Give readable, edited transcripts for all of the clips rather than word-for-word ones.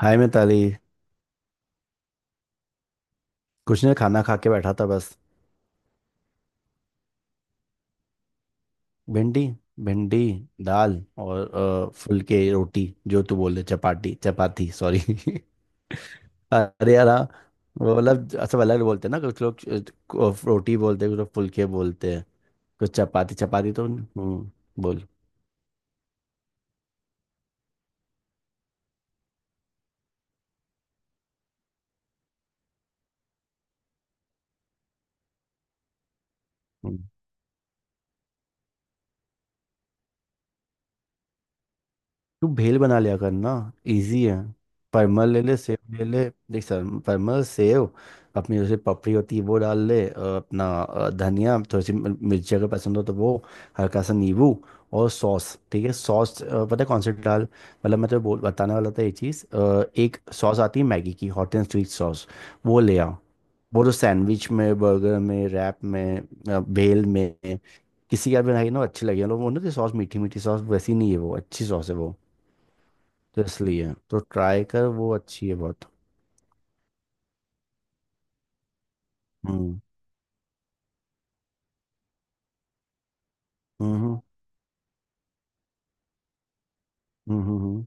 हाय मिताली। कुछ नहीं, खाना खा के बैठा था बस। भिंडी, भिंडी, दाल और फुलके। रोटी जो तू बोल रहे, चपाटी चपाती, सॉरी अरे यार, हाँ, वो मतलब सब अलग बोलते हैं ना, कुछ लोग रोटी बोलते हैं, कुछ लोग फुलके बोलते हैं, कुछ चपाती चपाती, तो बोल। हम्म। तू भेल बना लिया करना, इजी है। परमल ले ले, सेव ले ले। देख सर, परमल, सेव, अपनी जैसे पपड़ी होती है वो डाल ले, अपना धनिया, थोड़ी सी मिर्ची अगर पसंद हो तो वो, हल्का सा नींबू। और सॉस, ठीक है, सॉस पता है कौन सी डाल। मतलब मैं तो बोल बताने वाला था ये चीज़, एक सॉस आती है मैगी की, हॉट एंड स्वीट सॉस, वो ले आओ। वो तो सैंडविच में, बर्गर में, रैप में, भेल में, किसी का भी बनाई ना अच्छी लगी है लोग, वो ना सॉस, मीठी मीठी सॉस वैसी नहीं है वो, अच्छी सॉस है वो। तो इसलिए तो ट्राई कर, वो अच्छी है बहुत। हम्म, हम्म, हम्म, हम्म।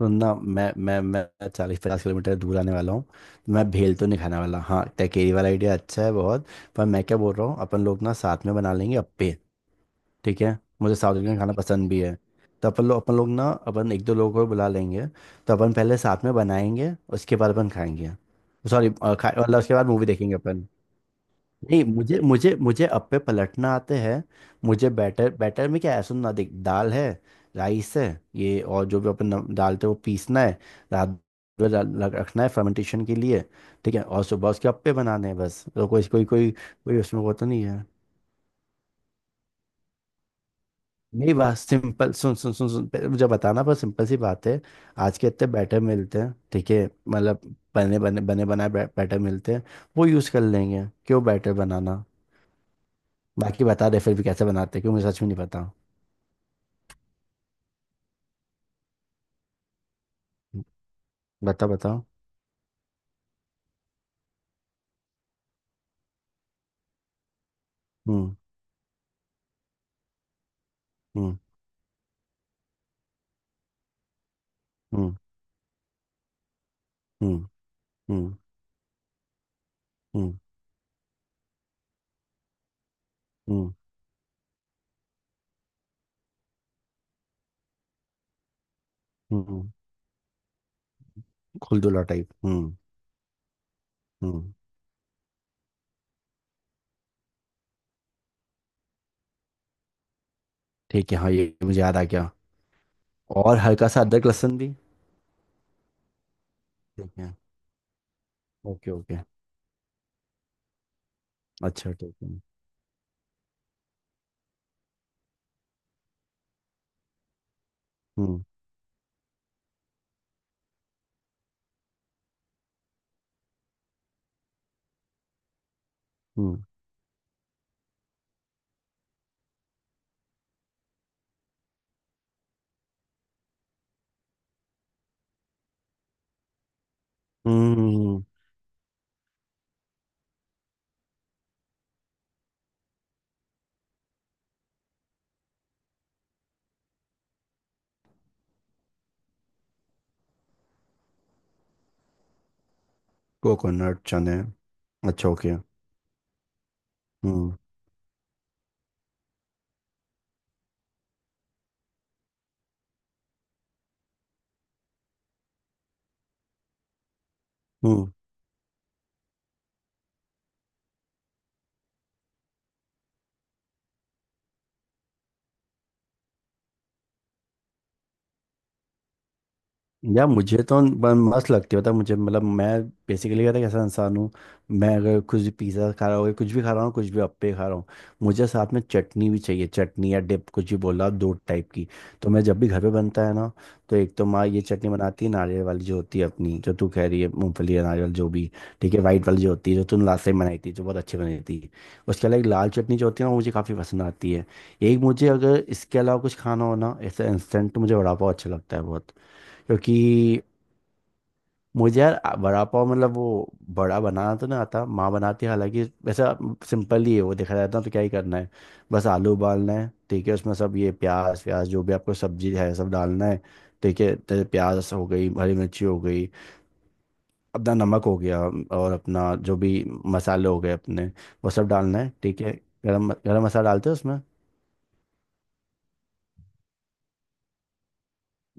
वरना मैं 40-50 किलोमीटर दूर आने वाला हूँ, तो मैं भेल तो नहीं खाने वाला। हाँ, टेकेरी वाला आइडिया अच्छा है बहुत। पर मैं क्या बोल रहा हूँ, अपन लोग ना साथ में बना लेंगे अप्पे। ठीक है, मुझे साउथ इंडियन खाना पसंद भी है। तो अपन लोग ना, अपन एक दो लोगों को बुला लेंगे, तो अपन पहले साथ में बनाएंगे, उसके बाद अपन खाएंगे। सॉरी, खा मतलब उसके बाद मूवी देखेंगे अपन। नहीं, मुझे मुझे मुझे अप्पे पलटना आते हैं। मुझे बैटर, में क्या है, सुन ना, देख, दाल है, राइस है, ये और जो भी अपन डालते हैं वो पीसना है, रात भर रखना है फर्मेंटेशन के लिए। ठीक है, और सुबह उसके अप्पे बनाने हैं बस। तो कोई कोई कोई कोई उसमें वो तो नहीं है। नहीं, बात सिंपल, सुन सुन सुन सुन, पहले मुझे बताना, पर सिंपल सी बात है। आज के इतने बैटर मिलते हैं, ठीक है, मतलब बने बने बने बनाए बैटर मिलते हैं, वो यूज़ कर लेंगे, क्यों बैटर बनाना। बाकी बता दे फिर भी कैसे बनाते हैं, क्यों, मुझे सच में नहीं पता। हम्म, बताओ। हम्म, हम्म, हम्म, हम्म, हम्म, हम्म, हम्म, हम्म। खुलदुला टाइप, हम्म, हम्म। ठीक है, हाँ, ये मुझे याद आ गया। और हल्का सा अदरक लहसुन भी। ठीक है, ओके, ओके। अच्छा, ठीक है। हम्म, हम्म, हम्म। कोकोनट, चने। अच्छा, ओके। हम्म, हम्म। यार मुझे तो मस्त लगती होता मुझे, मतलब मैं बेसिकली कहता कैसा इंसान हूँ। मैं अगर कुछ भी पिज़्ज़ा खा रहा हूँ, कुछ भी खा रहा हूँ, कुछ भी अप्पे खा रहा हूँ, मुझे साथ में चटनी भी चाहिए, चटनी या डिप कुछ भी बोला आप, दो टाइप की। तो मैं जब भी घर पे बनता है ना, तो एक तो माँ ये चटनी बनाती है नारियल वाली जो होती है अपनी, जो तू कह रही है मूंगफली या नारियल जो भी, ठीक है, वाइट वाली जो होती है, जो तूने लास्ट टाइम बनाई थी जो बहुत अच्छी बनी थी। उसके अलावा एक लाल चटनी जो होती है ना, वो मुझे काफ़ी पसंद आती है। एक मुझे अगर इसके अलावा कुछ खाना हो ना ऐसा इंस्टेंट, तो मुझे वड़ा पाव अच्छा लगता है बहुत। क्योंकि मुझे यार, वड़ा पाव, मतलब वो बड़ा बनाना तो नहीं आता, माँ बनाती है, हालांकि वैसा सिंपल ही है वो, देखा जाता है तो क्या ही करना है। बस आलू उबालना है, ठीक है, उसमें सब ये प्याज प्याज, जो भी आपको सब्जी है सब डालना है। ठीक है, तो प्याज हो गई, हरी मिर्ची हो गई, अपना नमक हो गया, और अपना जो भी मसाले हो गए अपने, वो सब डालना है, ठीक है। गरम गरम मसाला डालते हैं उसमें।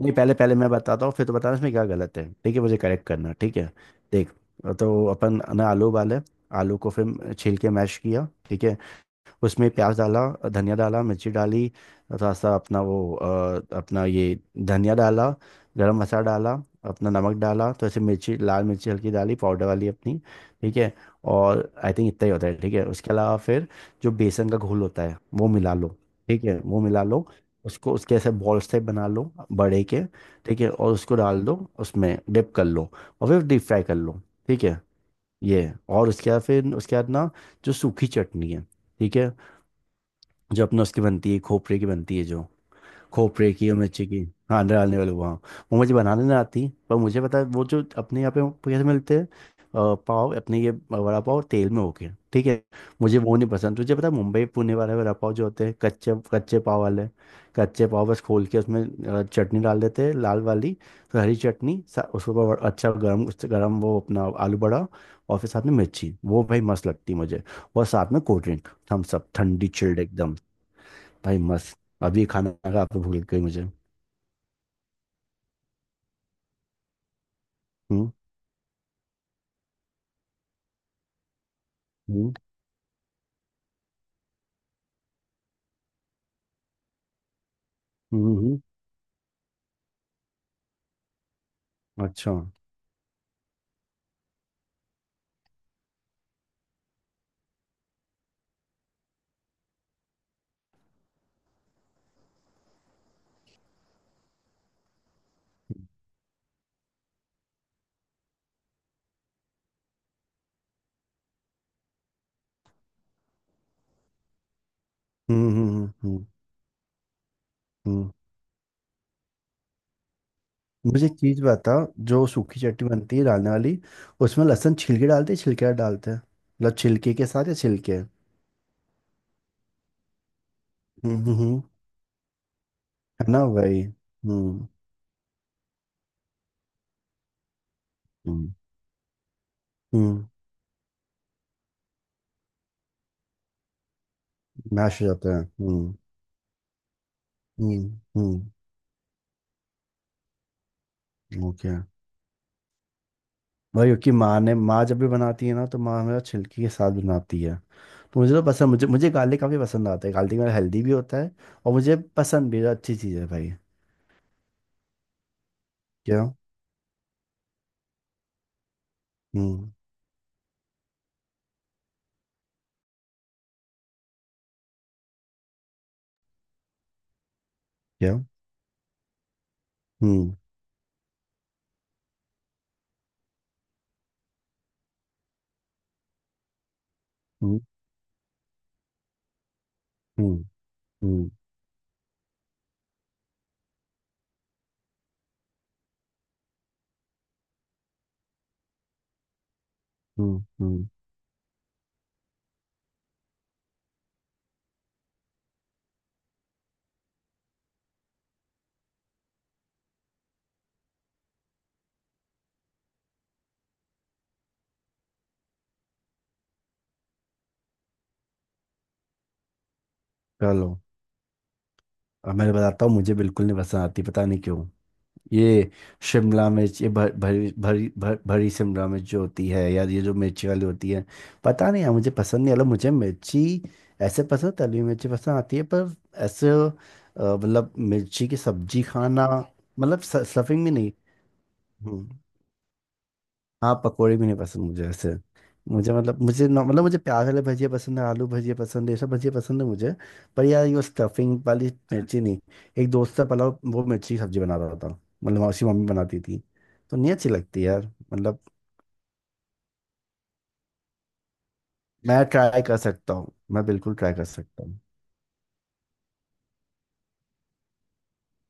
नहीं, पहले, पहले मैं बताता हूँ फिर तो बताना, इसमें क्या गलत है ठीक है, मुझे करेक्ट करना, ठीक है। देख, तो अपन ना आलू उबाले, आलू को फिर छील के मैश किया, ठीक है, उसमें प्याज डाला, धनिया डाला, मिर्ची डाली, थोड़ा सा अपना वो, अपना ये, धनिया डाला, गरम मसाला डाला, अपना नमक डाला, तो ऐसे मिर्ची, लाल मिर्ची हल्की डाली पाउडर वाली अपनी, ठीक है। और आई थिंक इतना ही होता है, ठीक है। उसके अलावा फिर जो बेसन का घोल होता है वो मिला लो, ठीक है वो मिला लो, उसको, उसके ऐसे बॉल्स टाइप बना लो बड़े के, ठीक है, और उसको डाल दो, उसमें डिप कर लो, और फिर डीप फ्राई कर लो, ठीक है। ये है। और उसके बाद, फिर उसके बाद ना जो सूखी चटनी है, ठीक है, जो अपने उसकी बनती है, खोपरे की बनती है, जो खोपरे की और मिर्ची की, हाँ, अंदर डालने वाले वहाँ, वो मुझे बनाने नहीं आती, पर मुझे पता है वो जो अपने यहाँ पे वो कैसे मिलते हैं। पाव, अपने ये वड़ा पाव तेल में होके, ठीक है, मुझे वो नहीं पसंद। तुझे पता है मुंबई पुणे वाले वड़ा पाव जो होते हैं, कच्चे कच्चे पाव वाले, कच्चे पाव बस खोल के उसमें चटनी डाल देते हैं लाल वाली, फिर हरी चटनी उसके ऊपर अच्छा गर्म गर्म वो अपना आलू बड़ा, और फिर साथ में मिर्ची, वो भाई मस्त लगती है मुझे। और साथ में कोल्ड ड्रिंक, थम्स अप ठंडी चिल्ड एकदम। भाई मस्त। अभी खाना खा के भूल गई मुझे। हम्म, हम्म, हम्म, अच्छा, हम्म, हम्म, हम्म, हम्म, हम्म। मुझे एक चीज बता, जो सूखी चटनी बनती है डालने वाली, उसमें लहसुन छिलके डालते हैं, छिलके ना डालते हैं, मतलब छिलके के साथ या छिलके। हम्म, हम्म, है ना भाई। हम्म, हम्म, मैश हो जाता है, हम्म, हम्म, हम्म, ओके। भाई क्योंकि माँ जब भी बनाती है ना, तो माँ हमेशा छिलकी के साथ बनाती है। तो मुझे तो पसंद, मुझे मुझे गार्लिक काफ़ी पसंद आता है, गार्लिक मेरा हेल्दी भी होता है और मुझे पसंद भी है, अच्छी चीज़ है भाई। क्या, हम्म, क्या, हम्म, हम्म, हम्म, हम्म, हम्म, चलो, अब मैं बताता हूँ, मुझे बिल्कुल नहीं पसंद आती पता नहीं क्यों, ये शिमला मिर्च, ये भरी भरी भरी शिमला मिर्च जो होती है, यार ये जो मिर्ची वाली होती है, पता नहीं यार मुझे पसंद नहीं। मतलब मुझे मिर्ची ऐसे पसंद, तली हुई मिर्ची पसंद आती है पर, ऐसे मतलब मिर्ची की सब्जी खाना, मतलब स्टफिंग भी नहीं। हम्म, हाँ, पकौड़ी भी नहीं पसंद मुझे ऐसे। मुझे मतलब, मुझे मतलब मुझे प्याज वाले भजिया पसंद है, आलू भजिया पसंद है, ये सब भजिया पसंद है मुझे। पर यार ये स्टफिंग वाली मिर्ची नहीं। एक दोस्त का पलाव, वो मिर्ची की सब्जी बना रहा था, मतलब उसकी मम्मी बनाती थी, तो नहीं अच्छी लगती यार, मतलब। मैं ट्राई कर सकता हूँ, मैं बिल्कुल ट्राई कर सकता हूँ।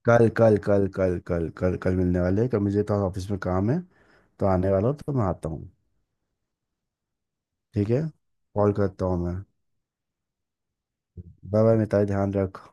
कल कल कल कल कल कल कल मिलने वाले हैं, कल मुझे तो ऑफिस में काम है, तो आने वाला हूँ, तो मैं आता हूँ, ठीक है, कॉल करता हूँ मैं। बाय, बाय मिताली, ध्यान रख।